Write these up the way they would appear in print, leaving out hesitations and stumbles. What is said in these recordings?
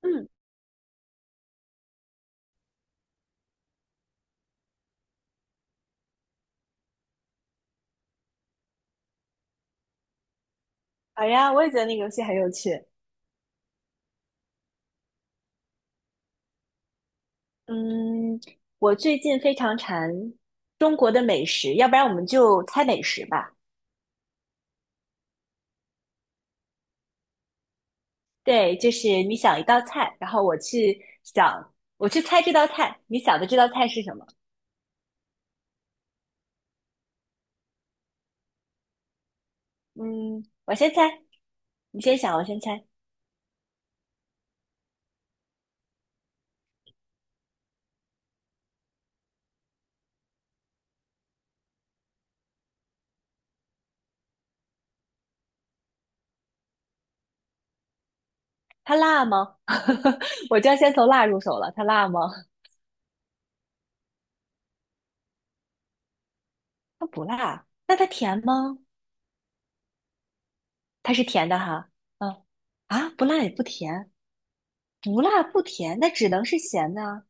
嗯，好呀，我也觉得那个游戏很有趣。嗯，我最近非常馋中国的美食，要不然我们就猜美食吧。对，就是你想一道菜，然后我去想，我去猜这道菜，你想的这道菜是什么？嗯，我先猜，你先想，我先猜。它辣吗？我就要先从辣入手了。它辣吗？它不辣。那它甜吗？它是甜的哈。嗯，啊，不辣也不甜，不辣不甜，那只能是咸的啊。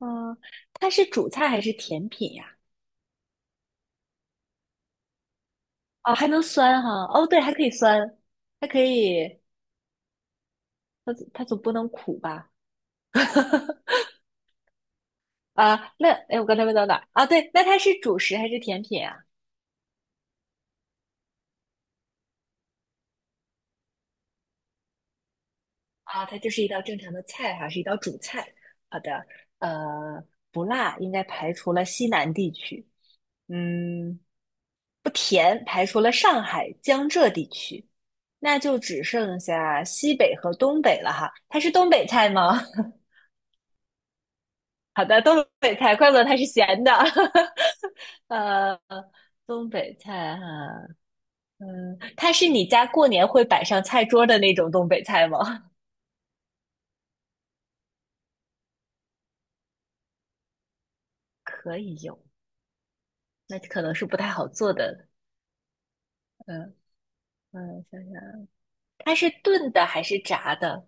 嗯，它是主菜还是甜品呀？哦，还能酸哈？哦，对，还可以酸，它可以，它总不能苦吧？啊，那哎，我刚才问到哪儿？啊，对，那它是主食还是甜品啊？啊，它就是一道正常的菜哈，是一道主菜。好的，呃，不辣，应该排除了西南地区。嗯，不甜，排除了上海、江浙地区，那就只剩下西北和东北了哈。它是东北菜吗？好的，东北菜，怪不得它是咸的。呃，东北菜哈、嗯，它是你家过年会摆上菜桌的那种东北菜吗？可以有，那可能是不太好做的。嗯嗯，想想，它是炖的还是炸的？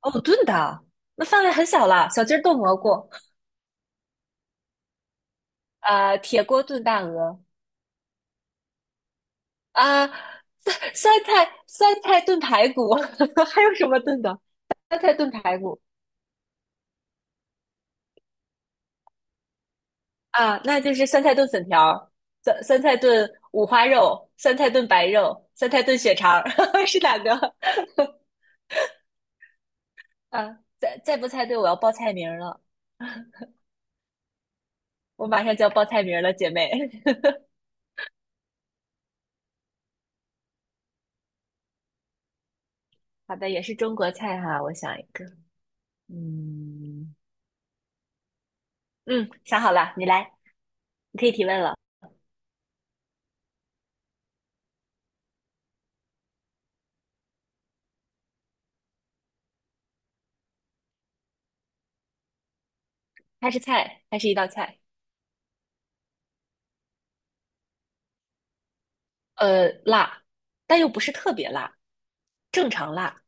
哦，炖的啊那范围很小了。小鸡儿炖蘑菇，啊，铁锅炖大鹅，啊，酸菜酸菜炖排骨，还有什么炖的？酸菜炖排骨。啊，那就是酸菜炖粉条酸菜炖五花肉，酸菜炖白肉，酸菜炖血肠儿，是哪个？啊，再不猜对，我要报菜名儿了，我马上就要报菜名儿了，姐妹。好的，也是中国菜哈，我想一个，嗯嗯，想好了，你来，你可以提问了。它是菜，它是一道菜，辣，但又不是特别辣，正常辣。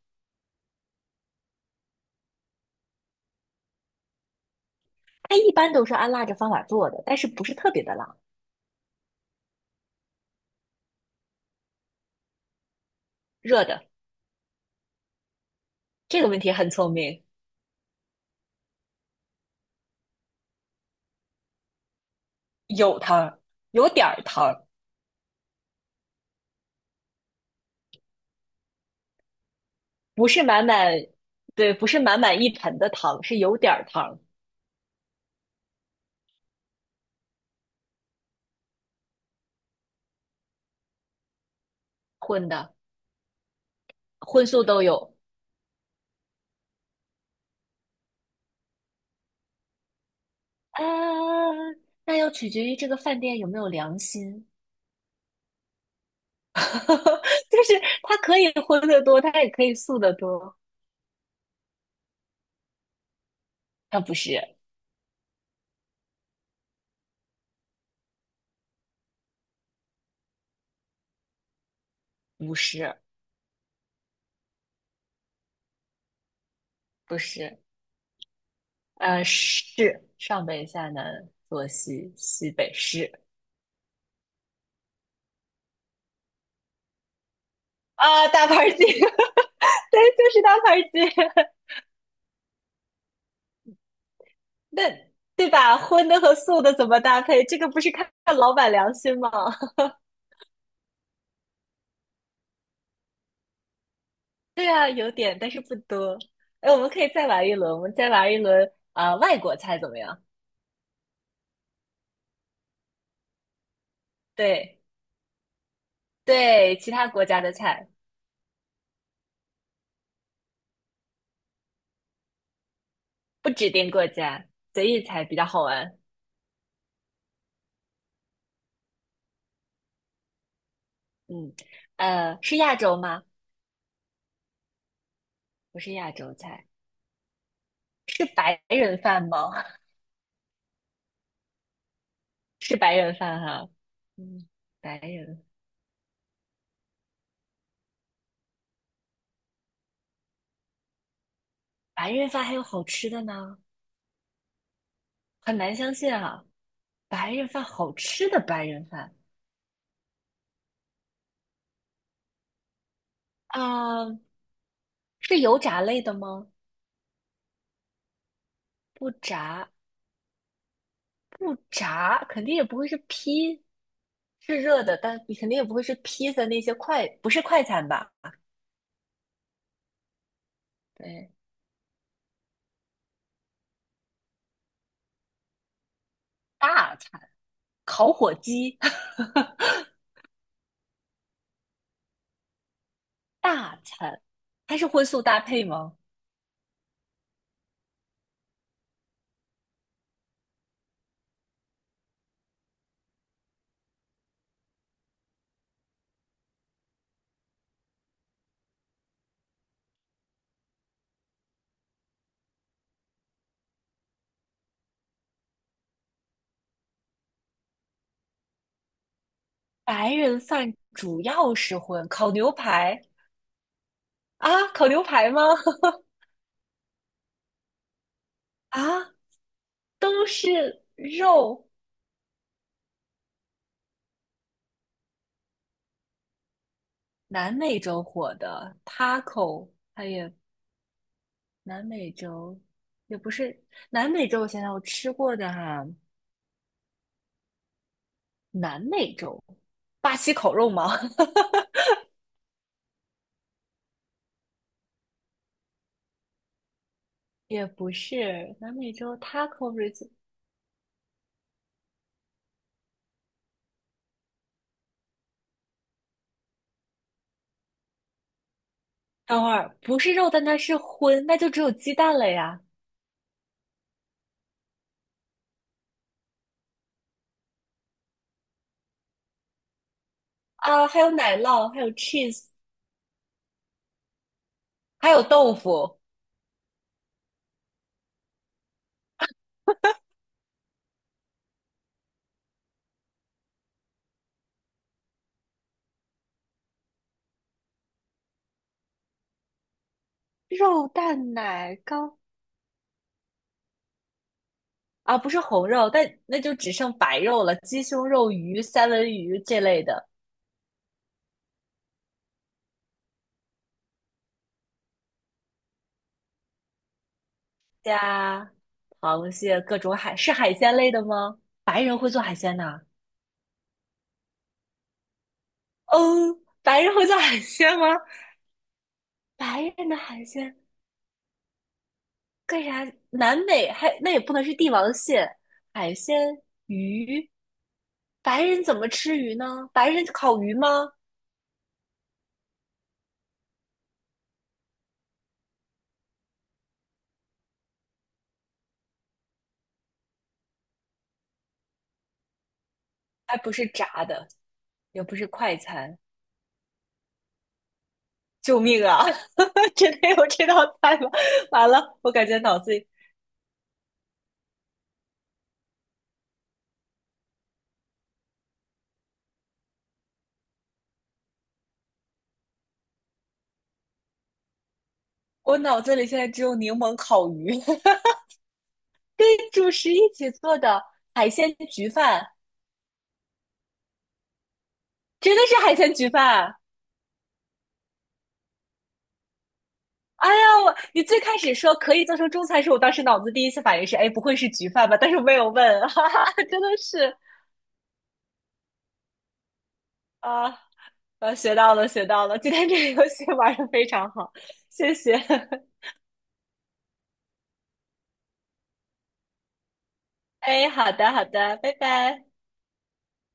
它一般都是按辣着方法做的，但是不是特别的辣。热的，这个问题很聪明。有汤，有点儿糖，不是满满，对，不是满满一盆的汤，是有点儿糖混的，荤素都有。啊，那要取决于这个饭店有没有良心，就是它可以荤的多，它也可以素的多。啊，不是，不是，不是，是上北下南，左西北是啊，大盘鸡，对，就是大盘鸡。那对吧？荤的和素的怎么搭配？这个不是看看老板良心吗？对啊，有点，但是不多。哎，我们再玩一轮啊、外国菜怎么样？对对，其他国家的菜，不指定国家，随意猜比较好玩。嗯，呃，是亚洲吗？不是亚洲菜，是白人饭吗？是白人饭哈、嗯，白人白人饭还有好吃的呢，很难相信啊。白人饭好吃的白人饭啊，是油炸类的吗？不炸，不炸，肯定也不会是披，是热的，但你肯定也不会是披萨那些快，不是快餐吧？对，大餐，烤火鸡，大餐，它是荤素搭配吗？白人饭主要是荤，烤牛排啊，烤牛排吗？啊，都是肉。南美洲火的 taco，它也南美洲也不是南美洲，我想想我吃过的哈、南美洲巴西烤肉吗？也不是南美洲 taco 不是鸡？等会儿不是肉，但它是荤，那就只有鸡蛋了呀。啊，还有奶酪，还有 cheese，还有豆腐，肉蛋奶糕啊，不是红肉，但那就只剩白肉了，鸡胸肉、鱼、三文鱼这类的，加螃蟹，各种海，是海鲜类的吗？白人会做海鲜呐、嗯，白人会做海鲜吗？白人的海鲜干啥？南美还那也不能是帝王蟹，海鲜鱼，白人怎么吃鱼呢？白人烤鱼吗？还不是炸的，也不是快餐。救命啊！真的有这道菜吗？完了，我感觉脑子里，我脑子里现在只有柠檬烤鱼，跟主食一起做的海鲜焗饭，真的是海鲜焗饭。哎呀，我你最开始说可以做成中餐时，我当时脑子第一次反应是，哎，不会是焗饭吧？但是我没有问，哈哈，真的是啊，学到了，学到了，今天这个游戏玩的非常好，谢谢。哎，好的，好的，拜拜。